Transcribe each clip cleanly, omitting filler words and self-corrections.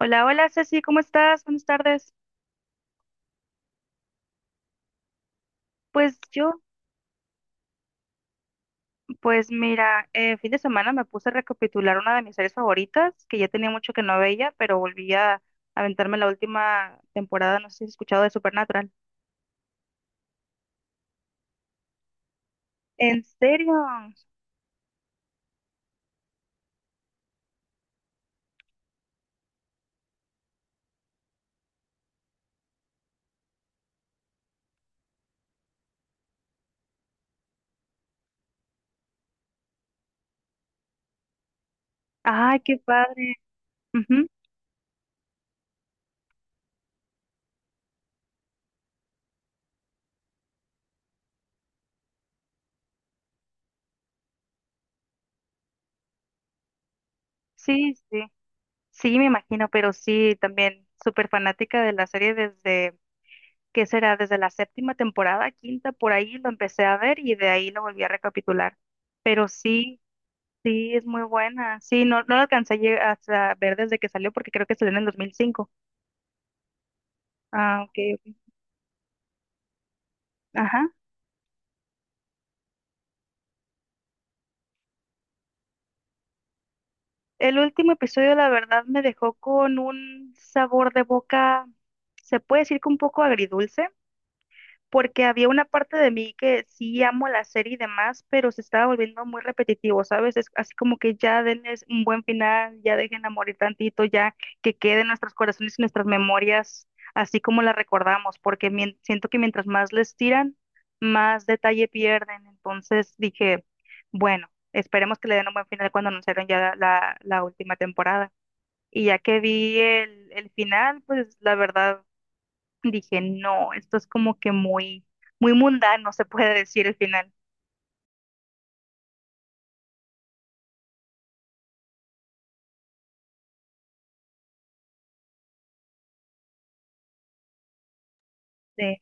Hola, hola Ceci, ¿cómo estás? Buenas tardes. Pues yo, pues mira, fin de semana me puse a recapitular una de mis series favoritas, que ya tenía mucho que no veía, pero volví a aventarme la última temporada, no sé si has escuchado de Supernatural. ¿En serio? Ay, qué padre. Ujú. Sí, sí, sí, me imagino, pero sí, también súper fanática de la serie desde, ¿qué será? Desde la séptima temporada, quinta, por ahí lo empecé a ver y de ahí lo volví a recapitular. Pero sí. Sí, es muy buena. Sí, no, no la alcancé a lle- hasta ver desde que salió porque creo que salió en el 2005. Ah, ok, ok. Ajá. El último episodio, la verdad, me dejó con un sabor de boca, se puede decir que un poco agridulce, porque había una parte de mí que sí amo la serie y demás, pero se estaba volviendo muy repetitivo, ¿sabes? Es así como que ya denles un buen final, ya dejen a morir tantito, ya que quede en nuestros corazones y nuestras memorias, así como la recordamos, porque mien- siento que mientras más les tiran, más detalle pierden. Entonces dije, bueno, esperemos que le den un buen final cuando anunciaron ya la última temporada. Y ya que vi el final, pues la verdad dije, no, esto es como que muy, muy mundano, se puede decir el final. Sí,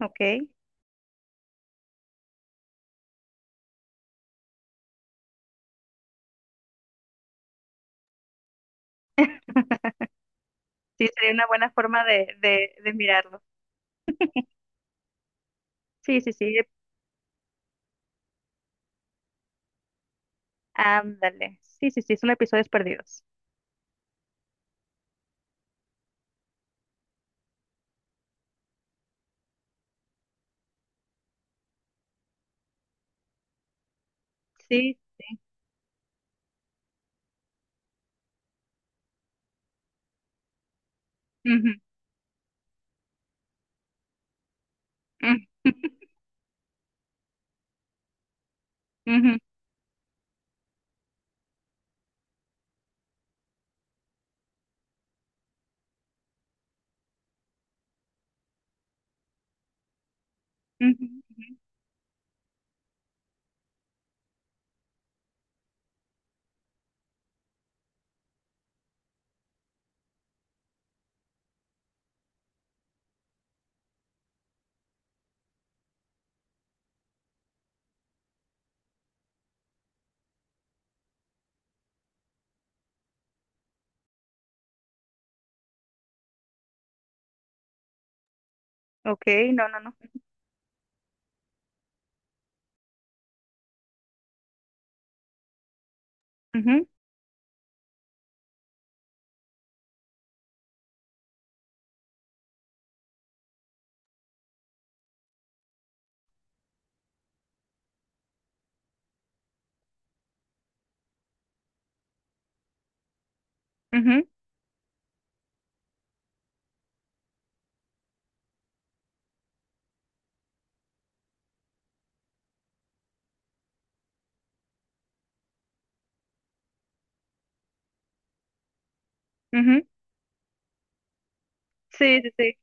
ok. Sí, sería una buena forma de, de mirarlo. Sí, sí, sí. Ándale. Sí, sí, sí, son episodios perdidos. Sí. Ujú, ujú, ujú, ujú, ujú. Ok, no, no, no. Ujú, ujú, ujú. Sí, sí, sí.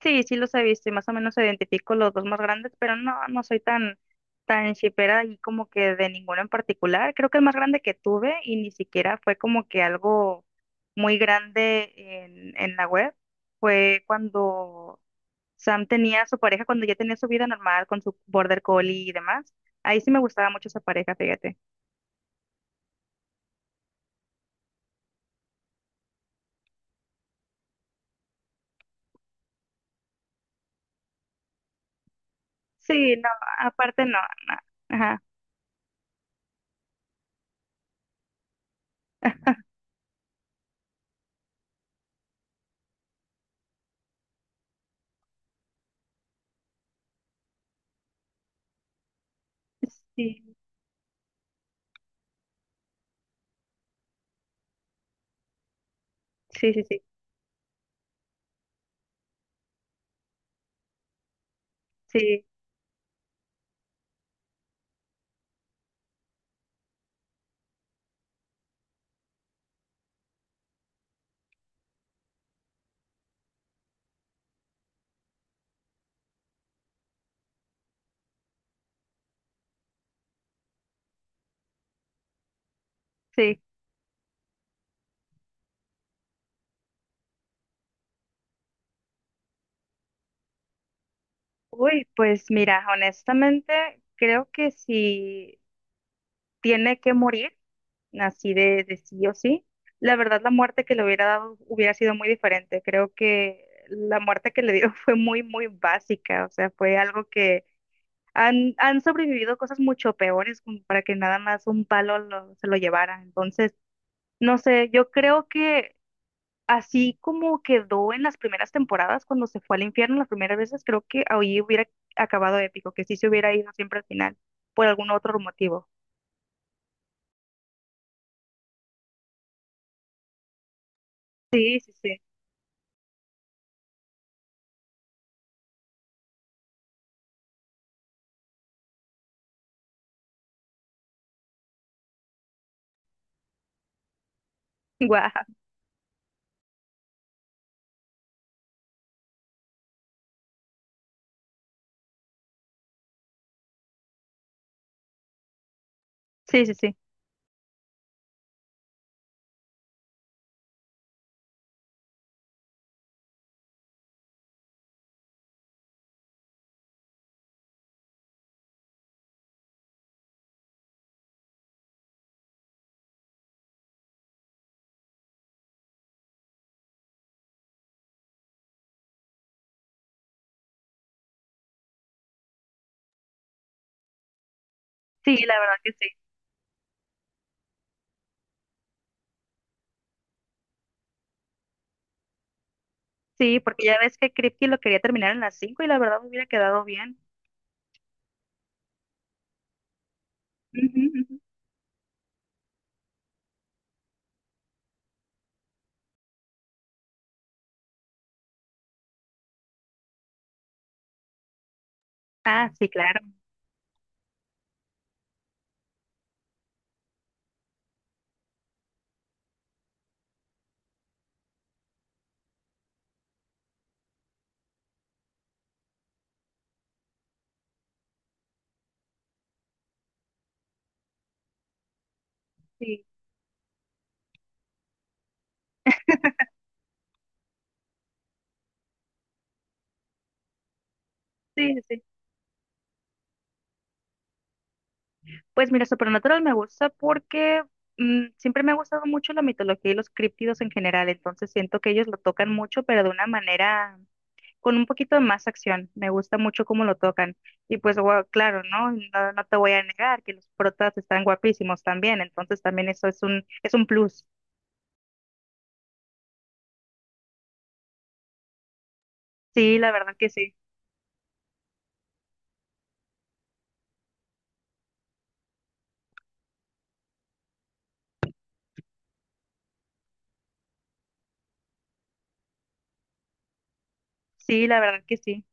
Sí, sí los he visto y más o menos identifico los dos más grandes, pero no, no soy tan, tan shippera y como que de ninguno en particular. Creo que el más grande que tuve y ni siquiera fue como que algo muy grande en la web fue cuando Sam tenía a su pareja, cuando ya tenía su vida normal con su border collie y demás. Ahí sí me gustaba mucho esa pareja, fíjate. Sí, no, aparte no, no. Ajá. Sí, sí, sí, sí, sí, sí. Uy, pues mira, honestamente creo que si tiene que morir, así de sí o sí, la verdad la muerte que le hubiera dado hubiera sido muy diferente. Creo que la muerte que le dio fue muy, muy básica, o sea, fue algo que han sobrevivido cosas mucho peores como para que nada más un palo lo- se lo llevara. Entonces, no sé, yo creo que así como quedó en las primeras temporadas cuando se fue al infierno las primeras veces, creo que ahí hubiera acabado épico, que sí se hubiera ido siempre al final, por algún otro motivo. Sí, sí, sí. Guau. Sí, sí, sí. Sí, la verdad que sí. Sí, porque ya ves que Kripke lo quería terminar en las 5 y la verdad hubiera quedado bien. Ujú, ujú. Ah, sí, claro. Sí, sí, sí. Sí. Pues mira, Supernatural me gusta porque siempre me ha gustado mucho la mitología y los críptidos en general, entonces siento que ellos lo tocan mucho, pero de una manera con un poquito de más acción. Me gusta mucho cómo lo tocan. Y pues, gua- claro, ¿no? No, no te voy a negar que los protas están guapísimos también. Entonces también eso es un plus. Sí, la verdad que sí. Sí, la verdad que sí.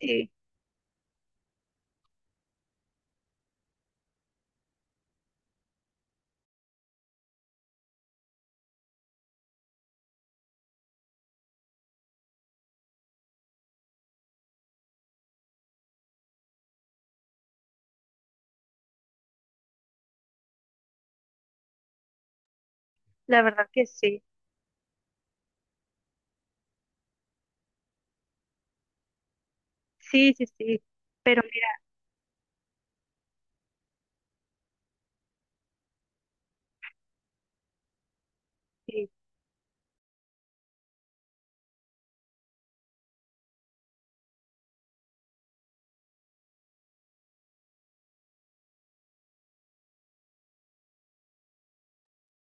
Sí, la verdad que sí. Sí, sí, sí. Pero mira, sí,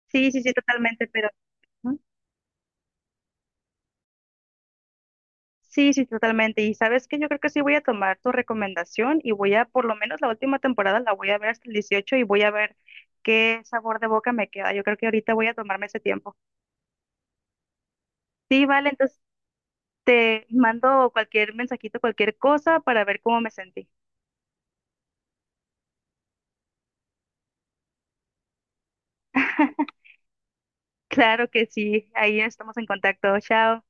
sí, sí, sí, totalmente, pero... ¿Mm? Sí, sí, totalmente. Y sabes que yo creo que sí voy a tomar tu recomendación y voy a, por lo menos la última temporada, la voy a ver hasta el 18 y voy a ver qué sabor de boca me queda. Yo creo que ahorita voy a tomarme ese tiempo. Sí, vale, entonces te mando cualquier mensajito, cualquier cosa para ver cómo me sentí. Claro que sí, ahí estamos en contacto. Chao.